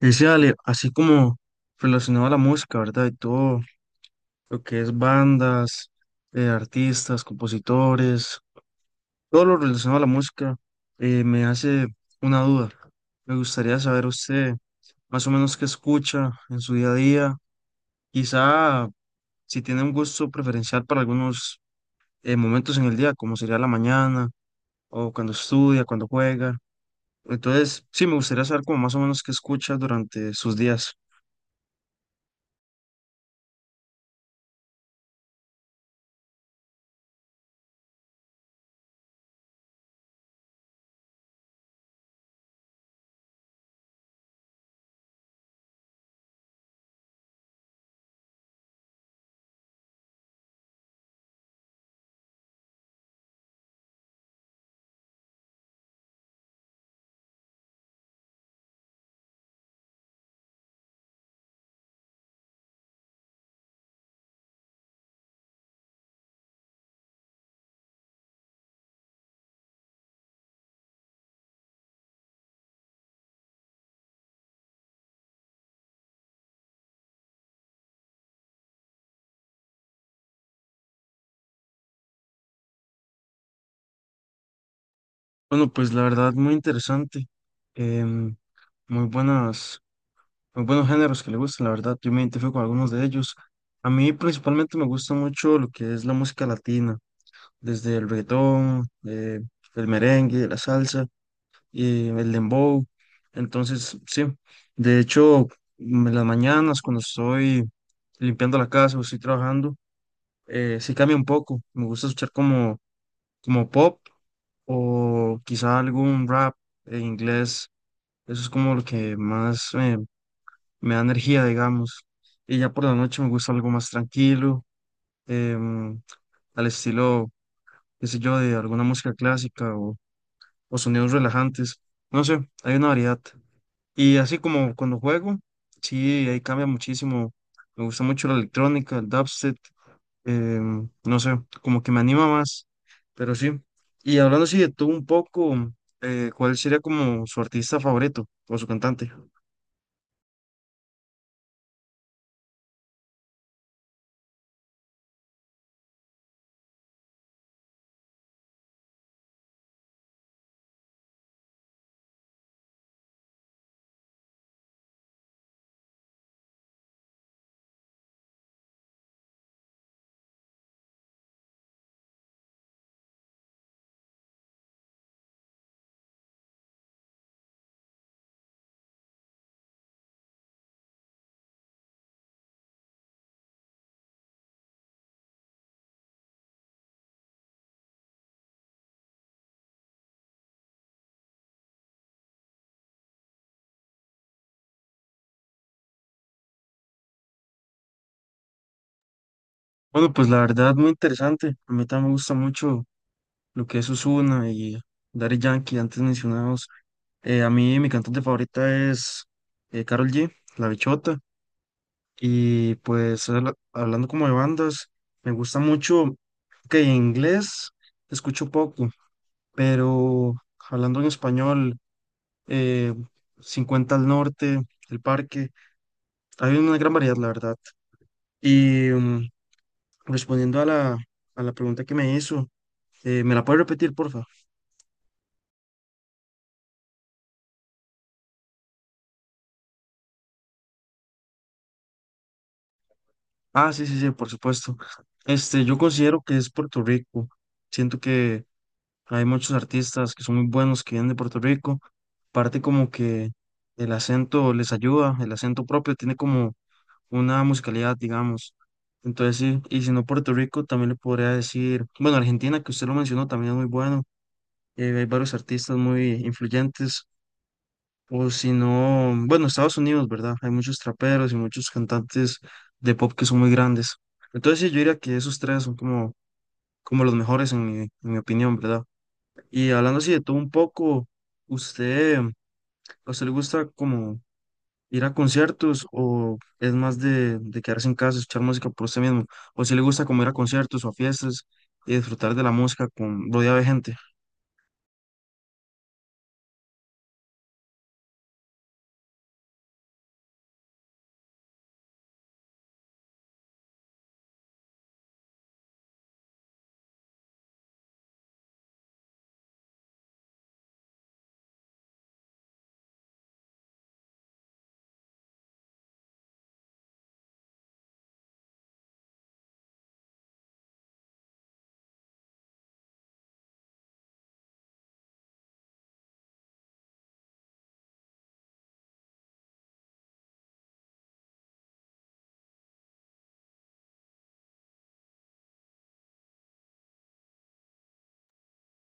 Y sí, Ale, así como relacionado a la música, ¿verdad? Y todo lo que es bandas, artistas, compositores, todo lo relacionado a la música, me hace una duda. Me gustaría saber usted más o menos qué escucha en su día a día, quizá si tiene un gusto preferencial para algunos momentos en el día, como sería la mañana o cuando estudia, cuando juega. Entonces, sí, me gustaría saber como más o menos qué escucha durante sus días. Bueno, pues la verdad, muy interesante. em, Muy buenas, muy buenos géneros que le gustan, la verdad. Yo me identifico con algunos de ellos. A mí principalmente me gusta mucho lo que es la música latina, desde el reggaetón, el merengue, la salsa, y el dembow. Entonces, sí, de hecho, en las mañanas cuando estoy limpiando la casa o estoy trabajando, sí cambia un poco. Me gusta escuchar como pop o quizá algún rap en inglés, eso es como lo que me da energía, digamos. Y ya por la noche me gusta algo más tranquilo, em, al estilo, qué sé yo, de alguna música clásica o sonidos relajantes. No sé, hay una variedad. Y así como cuando juego, sí, ahí cambia muchísimo. Me gusta mucho la electrónica, el dubstep, no sé, como que me anima más, pero sí. Y hablando así de tú un poco, ¿cuál sería como su artista favorito o su cantante? Bueno, pues la verdad, muy interesante. A mí también me gusta mucho lo que es Ozuna y Daddy Yankee, antes mencionados. A mí, mi cantante favorita es Karol G, La Bichota. Y pues hablando como de bandas, me gusta mucho que en inglés escucho poco, pero hablando en español, eh, 50 al norte, El Parque, hay una gran variedad, la verdad. Y respondiendo a la pregunta que me hizo. ¿Me la puedes repetir, porfa? Ah, sí, sí, sí, por supuesto. Este, yo considero que es Puerto Rico. Siento que hay muchos artistas que son muy buenos que vienen de Puerto Rico. Parte como que el acento les ayuda, el acento propio tiene como una musicalidad, digamos. Entonces sí, y si no Puerto Rico, también le podría decir, bueno, Argentina, que usted lo mencionó, también es muy bueno. Hay varios artistas muy influyentes. O si no, bueno, Estados Unidos, ¿verdad? Hay muchos traperos y muchos cantantes de pop que son muy grandes. Entonces sí, yo diría que esos tres son como los mejores en mi opinión, ¿verdad? Y hablando así de todo un poco, ¿usted, a usted le gusta como ir a conciertos o es más de quedarse en casa, escuchar música por usted mismo? ¿O si le gusta como ir a conciertos o a fiestas y disfrutar de la música con rodeado de gente?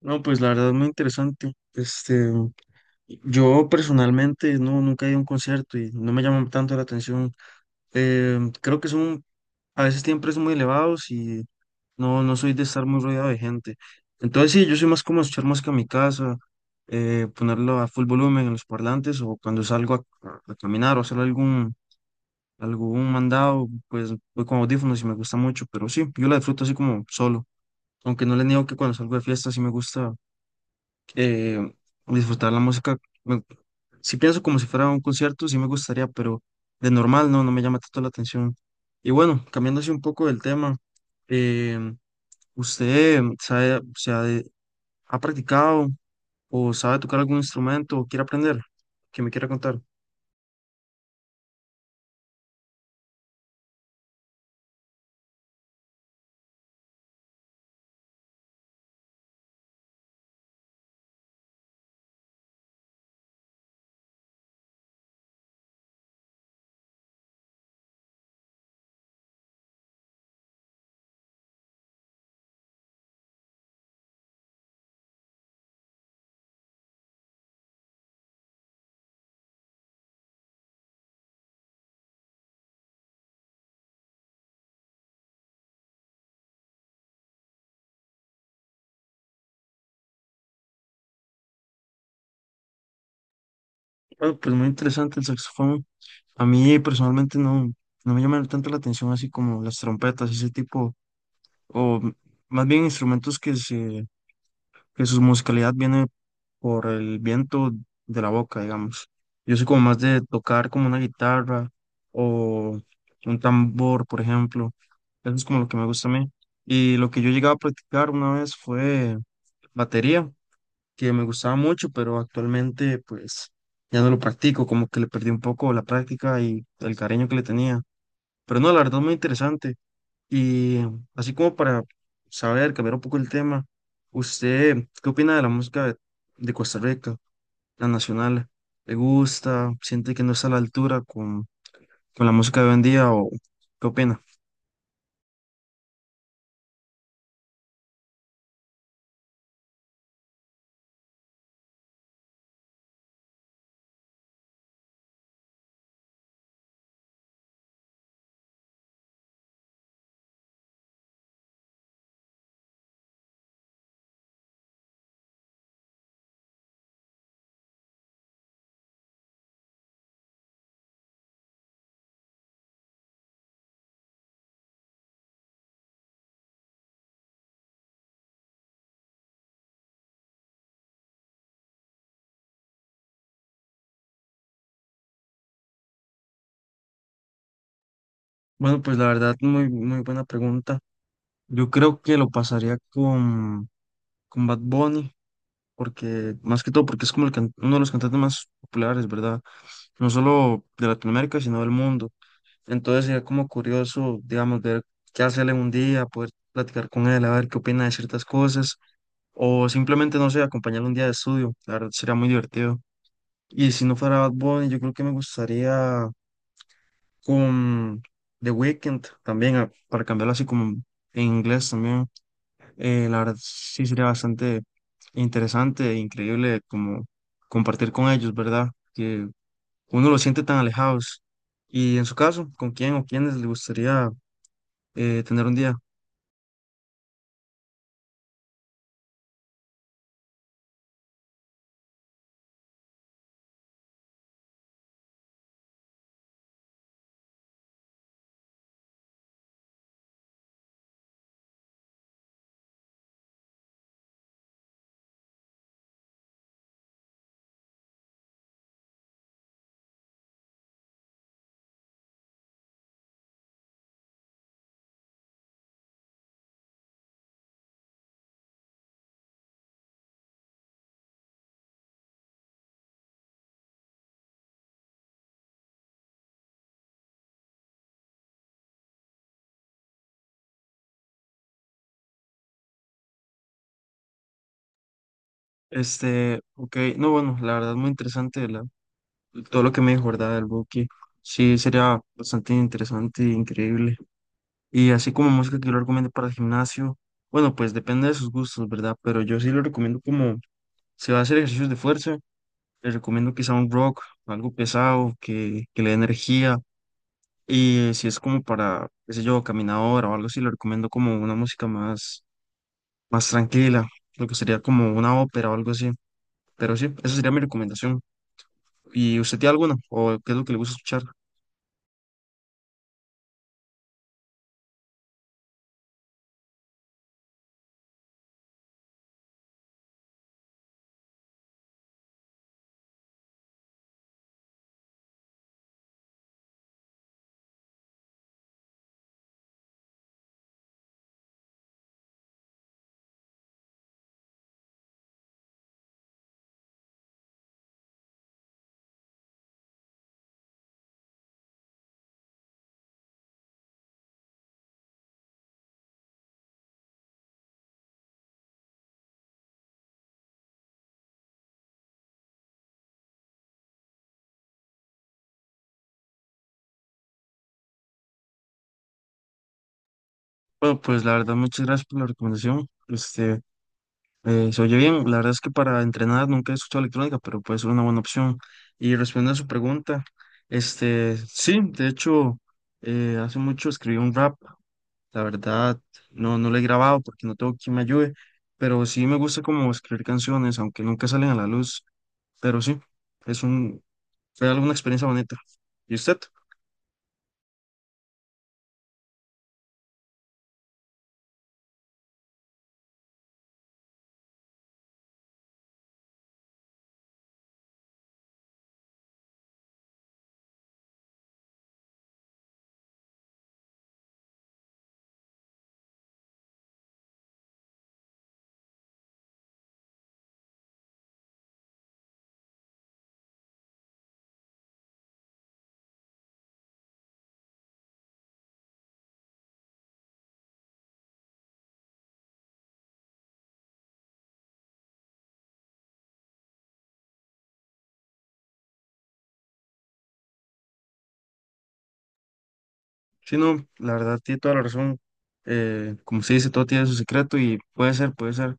No, pues la verdad es muy interesante. Este, yo personalmente no, nunca he ido a un concierto y no me llaman tanto la atención. Creo que son, a veces tienen precios muy elevados y no, no soy de estar muy rodeado de gente. Entonces sí, yo soy más como escuchar música en mi casa, ponerlo a full volumen en los parlantes o cuando a caminar o hacer algún mandado, pues voy con audífonos y me gusta mucho, pero sí, yo la disfruto así como solo. Aunque no le niego que cuando salgo de fiesta sí me gusta eh, disfrutar la música. me- si pienso como si fuera un concierto, sí me gustaría, pero de normal no, no me llama tanto la atención. Y bueno, cambiando así un poco del tema, em, ¿usted sabe, o sea, ha practicado o sabe tocar algún instrumento o quiere aprender? Que me quiera contar. Bueno, pues muy interesante el saxofón. A mí personalmente no, no me llama tanto la atención así como las trompetas, ese tipo, o m- más bien instrumentos que se que su musicalidad viene por el viento de la boca, digamos. Yo soy como más de tocar como una guitarra o un tambor, por ejemplo. Eso es como lo que me gusta a mí. Y lo que yo llegaba a practicar una vez fue batería, que me gustaba mucho, pero actualmente pues ya no lo practico, como que le perdí un poco la práctica y el cariño que le tenía. Pero no, la verdad es muy interesante. Y así como para saber, cambiar un poco el tema, ¿usted qué opina de la música de Costa Rica, la nacional? ¿Le gusta? ¿Siente que no está a la altura con la música de hoy en día o qué opina? Bueno, pues la verdad, muy, muy buena pregunta. Yo creo que lo pasaría con Bad Bunny, porque más que todo, porque es como uno de los cantantes más populares, ¿verdad? No solo de Latinoamérica, sino del mundo. Entonces sería como curioso, digamos, ver qué hace él en un día, poder platicar con él, a ver qué opina de ciertas cosas, o simplemente, no sé, acompañarlo un día de estudio. La verdad sería muy divertido. Y si no fuera Bad Bunny, yo creo que me gustaría con The Weeknd también, para cambiarlo así como en inglés también. La verdad sí sería bastante interesante e increíble como compartir con ellos, ¿verdad? Que uno lo siente tan alejados. Y en su caso, ¿con quién o quiénes le gustaría tener un día? Este, ok, no, bueno, la verdad muy interesante todo lo que me dijo, ¿verdad? Del Buki. Sí, sería bastante interesante e increíble. Y así como música que yo lo recomiendo para el gimnasio, bueno, pues depende de sus gustos, ¿verdad? Pero yo sí lo recomiendo como, si va a hacer ejercicios de fuerza, le recomiendo quizá un rock, algo pesado, que le dé energía. Y si es como para, qué sé yo, caminadora o algo así, le recomiendo como una música más tranquila, lo que sería como una ópera o algo así. Pero sí, esa sería mi recomendación. ¿Y usted tiene alguna? ¿O qué es lo que le gusta escuchar? Bueno, pues la verdad, muchas gracias por la recomendación. Este, se oye bien. La verdad es que para entrenar nunca he escuchado electrónica, pero puede ser una buena opción. Y respondiendo a su pregunta, este, sí, de hecho, hace mucho escribí un rap. La verdad, no, no lo he grabado porque no tengo quien me ayude, pero sí me gusta como escribir canciones, aunque nunca salen a la luz. Pero sí, es un, fue alguna experiencia bonita. ¿Y usted? Sí, no, la verdad tiene toda la razón. Como se dice, todo tiene su secreto y puede ser, puede ser.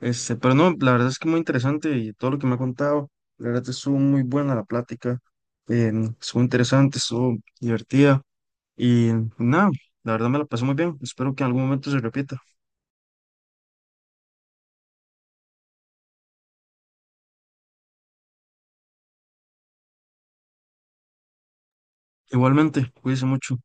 Este, pero no, la verdad es que muy interesante y todo lo que me ha contado, la verdad estuvo muy buena la plática, estuvo interesante, estuvo divertida y nada, la verdad me la pasé muy bien. Espero que en algún momento se repita. Igualmente, cuídense mucho.